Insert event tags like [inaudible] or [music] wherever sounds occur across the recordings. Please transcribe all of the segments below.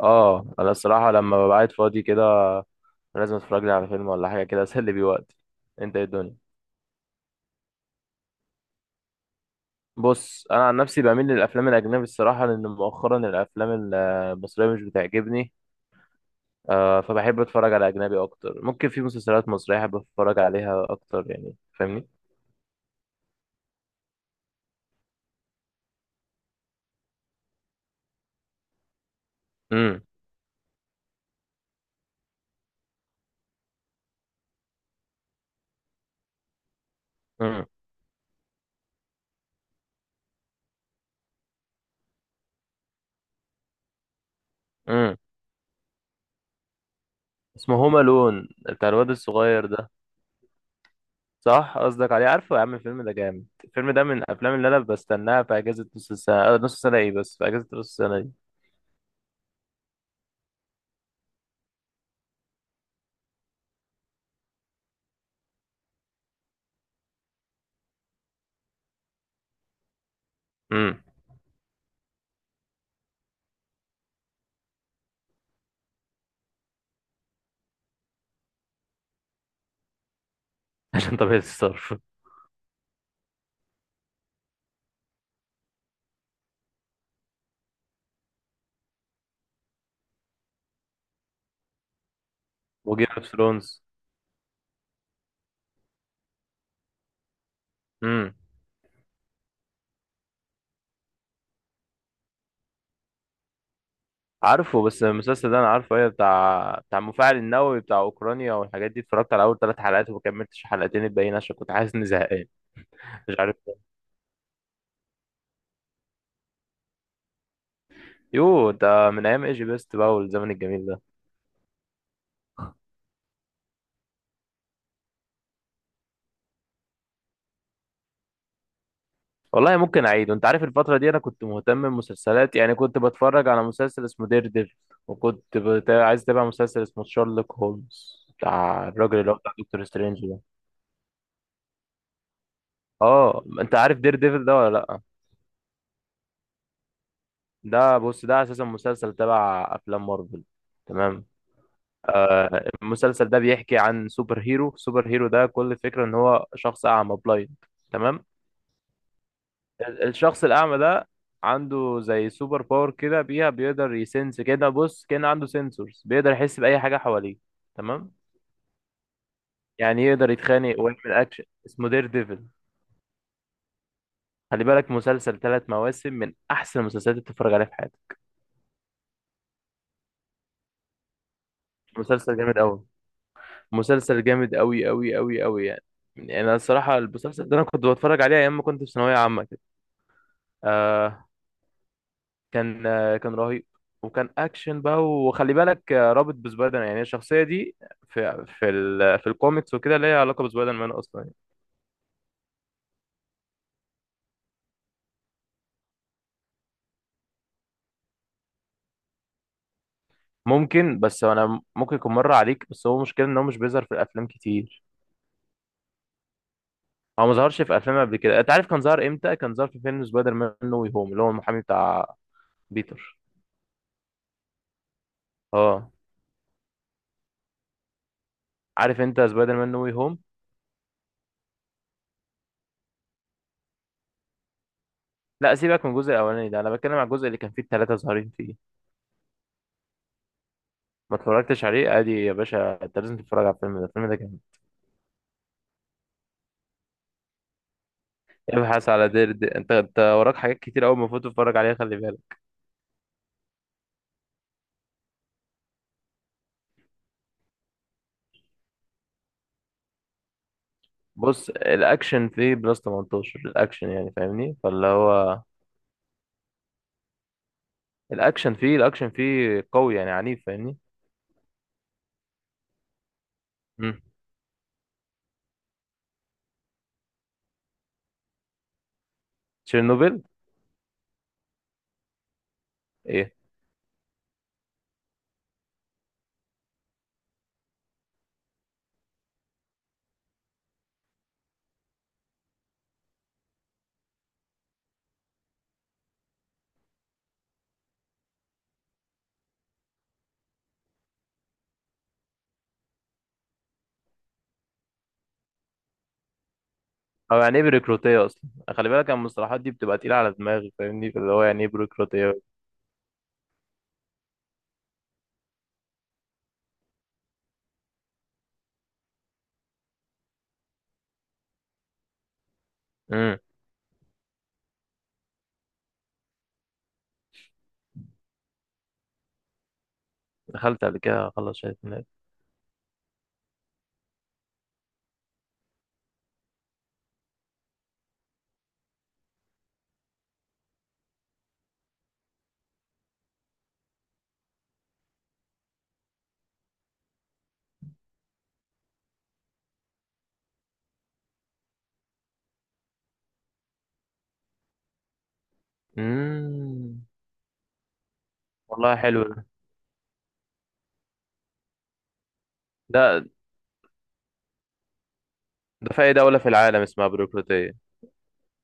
اه انا الصراحه لما ببقى قاعد فاضي كده، لازم اتفرج لي على فيلم ولا حاجه كده اسلي بيه وقتي. انت ايه الدنيا؟ بص، انا عن نفسي بميل للافلام الاجنبي الصراحه، لان مؤخرا الافلام المصريه مش بتعجبني. فبحب اتفرج على اجنبي اكتر. ممكن في مسلسلات مصريه احب اتفرج عليها اكتر، يعني فاهمني. امم. امم. امم. اسمه هوم لون بتاع الواد الصغير ده. صح قصدك عليه. عارفه يا عم، الفيلم ده جامد. الفيلم ده من الافلام اللي انا بستناها في اجازه نص السنه. نص السنه ايه؟ بس في اجازه نص السنه دي. امم. عشان طبيعة الصرف. وجيم اوف ثرونز. امم. عارفه. بس المسلسل ده انا عارفه، ايه بتاع بتاع المفاعل النووي بتاع اوكرانيا والحاجات دي. اتفرجت على اول ثلاث حلقات وما كملتش الحلقتين الباقيين عشان كنت حاسس اني زهقان. مش عارف ليه. يو، ده من ايام ايجي بيست بقى والزمن الجميل ده. والله ممكن اعيد، وانت عارف الفترة دي انا كنت مهتم بمسلسلات، يعني كنت بتفرج على مسلسل اسمه دير. عايز اتابع مسلسل اسمه شارلوك هولمز بتاع الراجل اللي هو بتاع دكتور سترينج ده. اه انت عارف دير ديفل ده ولا لا؟ ده بص، ده اساسا مسلسل تبع افلام مارفل. تمام. آه، المسلسل ده بيحكي عن سوبر هيرو. سوبر هيرو ده كل فكرة ان هو شخص اعمى بلايند. تمام. الشخص الاعمى ده عنده زي سوبر باور كده، بيها بيقدر يسنس كده. بص، كان عنده سنسورز بيقدر يحس بأي حاجة حواليه. تمام. يعني يقدر يتخانق ويعمل اكشن. اسمه دير ديفل. خلي بالك، مسلسل ثلاث مواسم، من احسن المسلسلات اللي تتفرج عليها في حياتك. مسلسل جامد قوي. مسلسل جامد قوي قوي قوي قوي يعني. يعني انا الصراحه المسلسل ده انا كنت بتفرج عليه ايام ما كنت في ثانويه عامه كده. آه. كان آه كان رهيب. وكان اكشن بقى. وخلي بالك رابط بسبايدر مان. يعني الشخصيه دي في الكوميكس وكده ليها علاقه بسبايدر مان اصلا يعني. ممكن. بس انا ممكن يكون مر عليك، بس هو مشكله ان هو مش بيظهر في الافلام كتير. هو ما ظهرش في افلام قبل كده. انت عارف كان ظهر امتى؟ كان ظهر في فيلم سبايدر مان نو واي هوم، اللي هو المحامي بتاع بيتر. اه عارف انت سبايدر مان نو واي هوم؟ لا، سيبك من الجزء الاولاني ده، انا بتكلم على الجزء اللي كان فيه الثلاثه ظاهرين فيه. ما اتفرجتش عليه؟ ادي يا باشا، انت لازم تتفرج على الفيلم ده، الفيلم ده جامد. ابحث على دير دي. انت وراك حاجات كتير قوي المفروض تتفرج عليها، خلي بالك. بص، الاكشن فيه بلس 18. الاكشن يعني فاهمني فاللي هو الاكشن فيه قوي، يعني عنيف، فاهمني. امم. تشيرنوبل. ايه؟ او يعني ايه بيروقراطيه اصلا؟ خلي بالك أنا المصطلحات دي بتبقى تقيله على دماغي، فاهمني فاللي هو يعني ايه بيروقراطيه. امم. دخلت قبل كده خلص شهادة ميلاد. امم. والله حلو. ده ده في اي دولة في العالم اسمها بيروقراطية.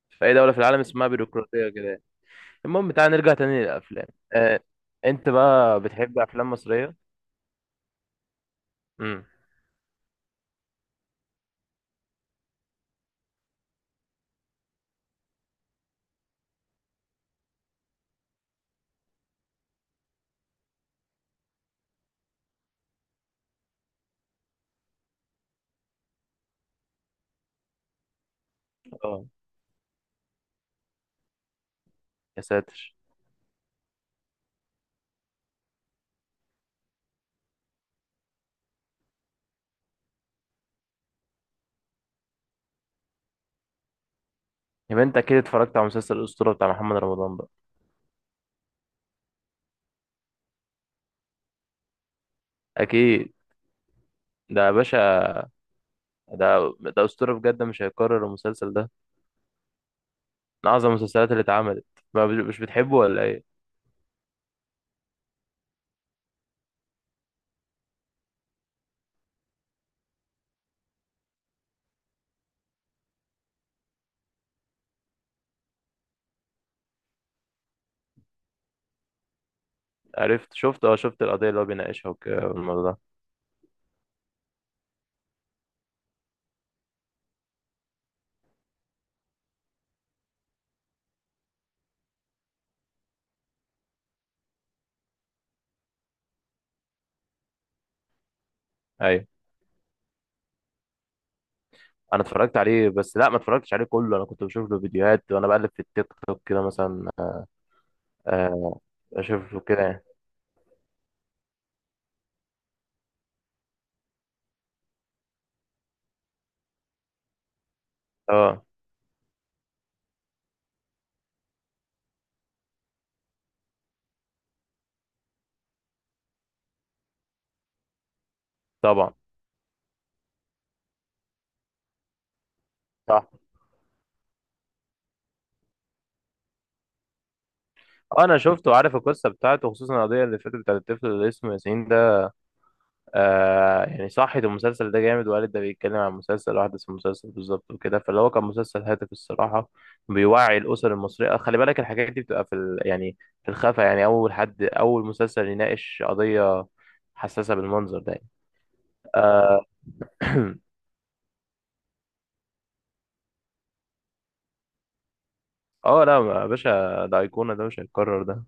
في اي دولة في العالم اسمها بيروقراطية كده يعني. المهم تعال نرجع تاني للافلام. آه، انت بقى بتحب افلام مصرية؟ امم. اه. يا ساتر. يبقى انت اكيد اتفرجت على مسلسل الاسطورة بتاع محمد رمضان بقى؟ اكيد. ده يا باشا، ده اسطورة بجد مش هيتكرر المسلسل ده. من اعظم المسلسلات اللي اتعملت. ما بت- مش بتحبه ولا ايه؟ عرفت. شفت القضية اللي هو بيناقشها والموضوع ده. ايوه. انا اتفرجت عليه، بس لا ما اتفرجتش عليه كله. انا كنت بشوف له فيديوهات وانا بقلب في التيك توك كده مثلا. آه، اشوف له كده يعني. اه طبعا صح. انا شفته وعارف القصه بتاعته، خصوصا القضيه اللي فاتت بتاعت الطفل اللي اسمه ياسين ده. آه يعني صحت المسلسل ده جامد وقالت، ده بيتكلم عن مسلسل واحدث المسلسل بالظبط وكده، فاللي هو كان مسلسل هادف الصراحه. بيوعي الاسر المصريه. خلي بالك الحاجات دي بتبقى في يعني في الخفا. يعني اول حد اول مسلسل يناقش قضيه حساسه بالمنظر ده يعني. آه. [clears throat] اه لا يا باشا، ده ايقونه، ده مش هيتكرر ده.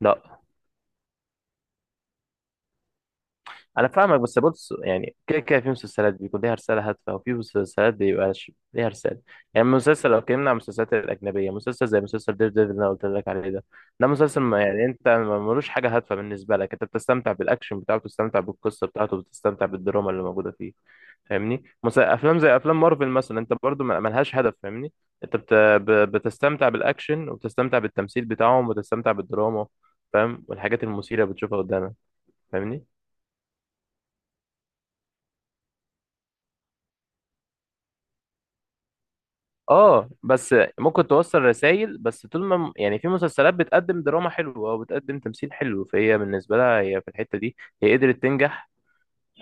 لا انا فاهمك، بس بص يعني كده كده في مسلسلات بيكون ليها رساله هادفه وفي مسلسلات بيبقاش ليها رساله. يعني مسلسل لو اتكلمنا عن المسلسلات الاجنبيه، مسلسل زي مسلسل دير ديفل اللي انا قلت لك عليه ده، ده مسلسل ما يعني انت ملوش حاجه هادفه بالنسبه لك. انت بتستمتع بالاكشن بتاعه، بتستمتع بالقصه بتاعته، بتستمتع بالدراما اللي موجوده فيه. فاهمني. افلام زي افلام مارفل مثلا انت برضو ملهاش هدف، فاهمني. انت بتستمتع بالاكشن وبتستمتع بالتمثيل بتاعهم وبتستمتع بالدراما. فاهم؟ والحاجات المثيره بتشوفها قدامك. فاهمني. اه، بس ممكن توصل رسائل، بس طول ما يعني في مسلسلات بتقدم دراما حلوة او بتقدم تمثيل حلو، فهي بالنسبة لها هي في الحتة دي هي قدرت تنجح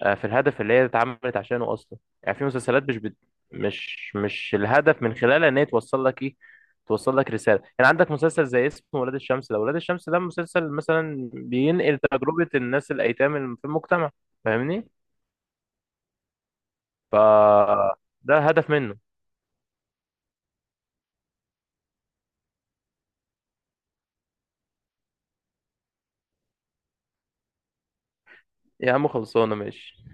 في الهدف اللي هي اتعملت عشانه اصلا. يعني في مسلسلات مش الهدف من خلالها ان هي توصل لك ايه. توصل لك رسالة. يعني عندك مسلسل زي اسمه ولاد الشمس ده. ولاد الشمس ده مسلسل مثلا بينقل تجربة الناس الايتام اللي في المجتمع، فاهمني. ف ده الهدف منه. يا عم خلصانة، ماشي.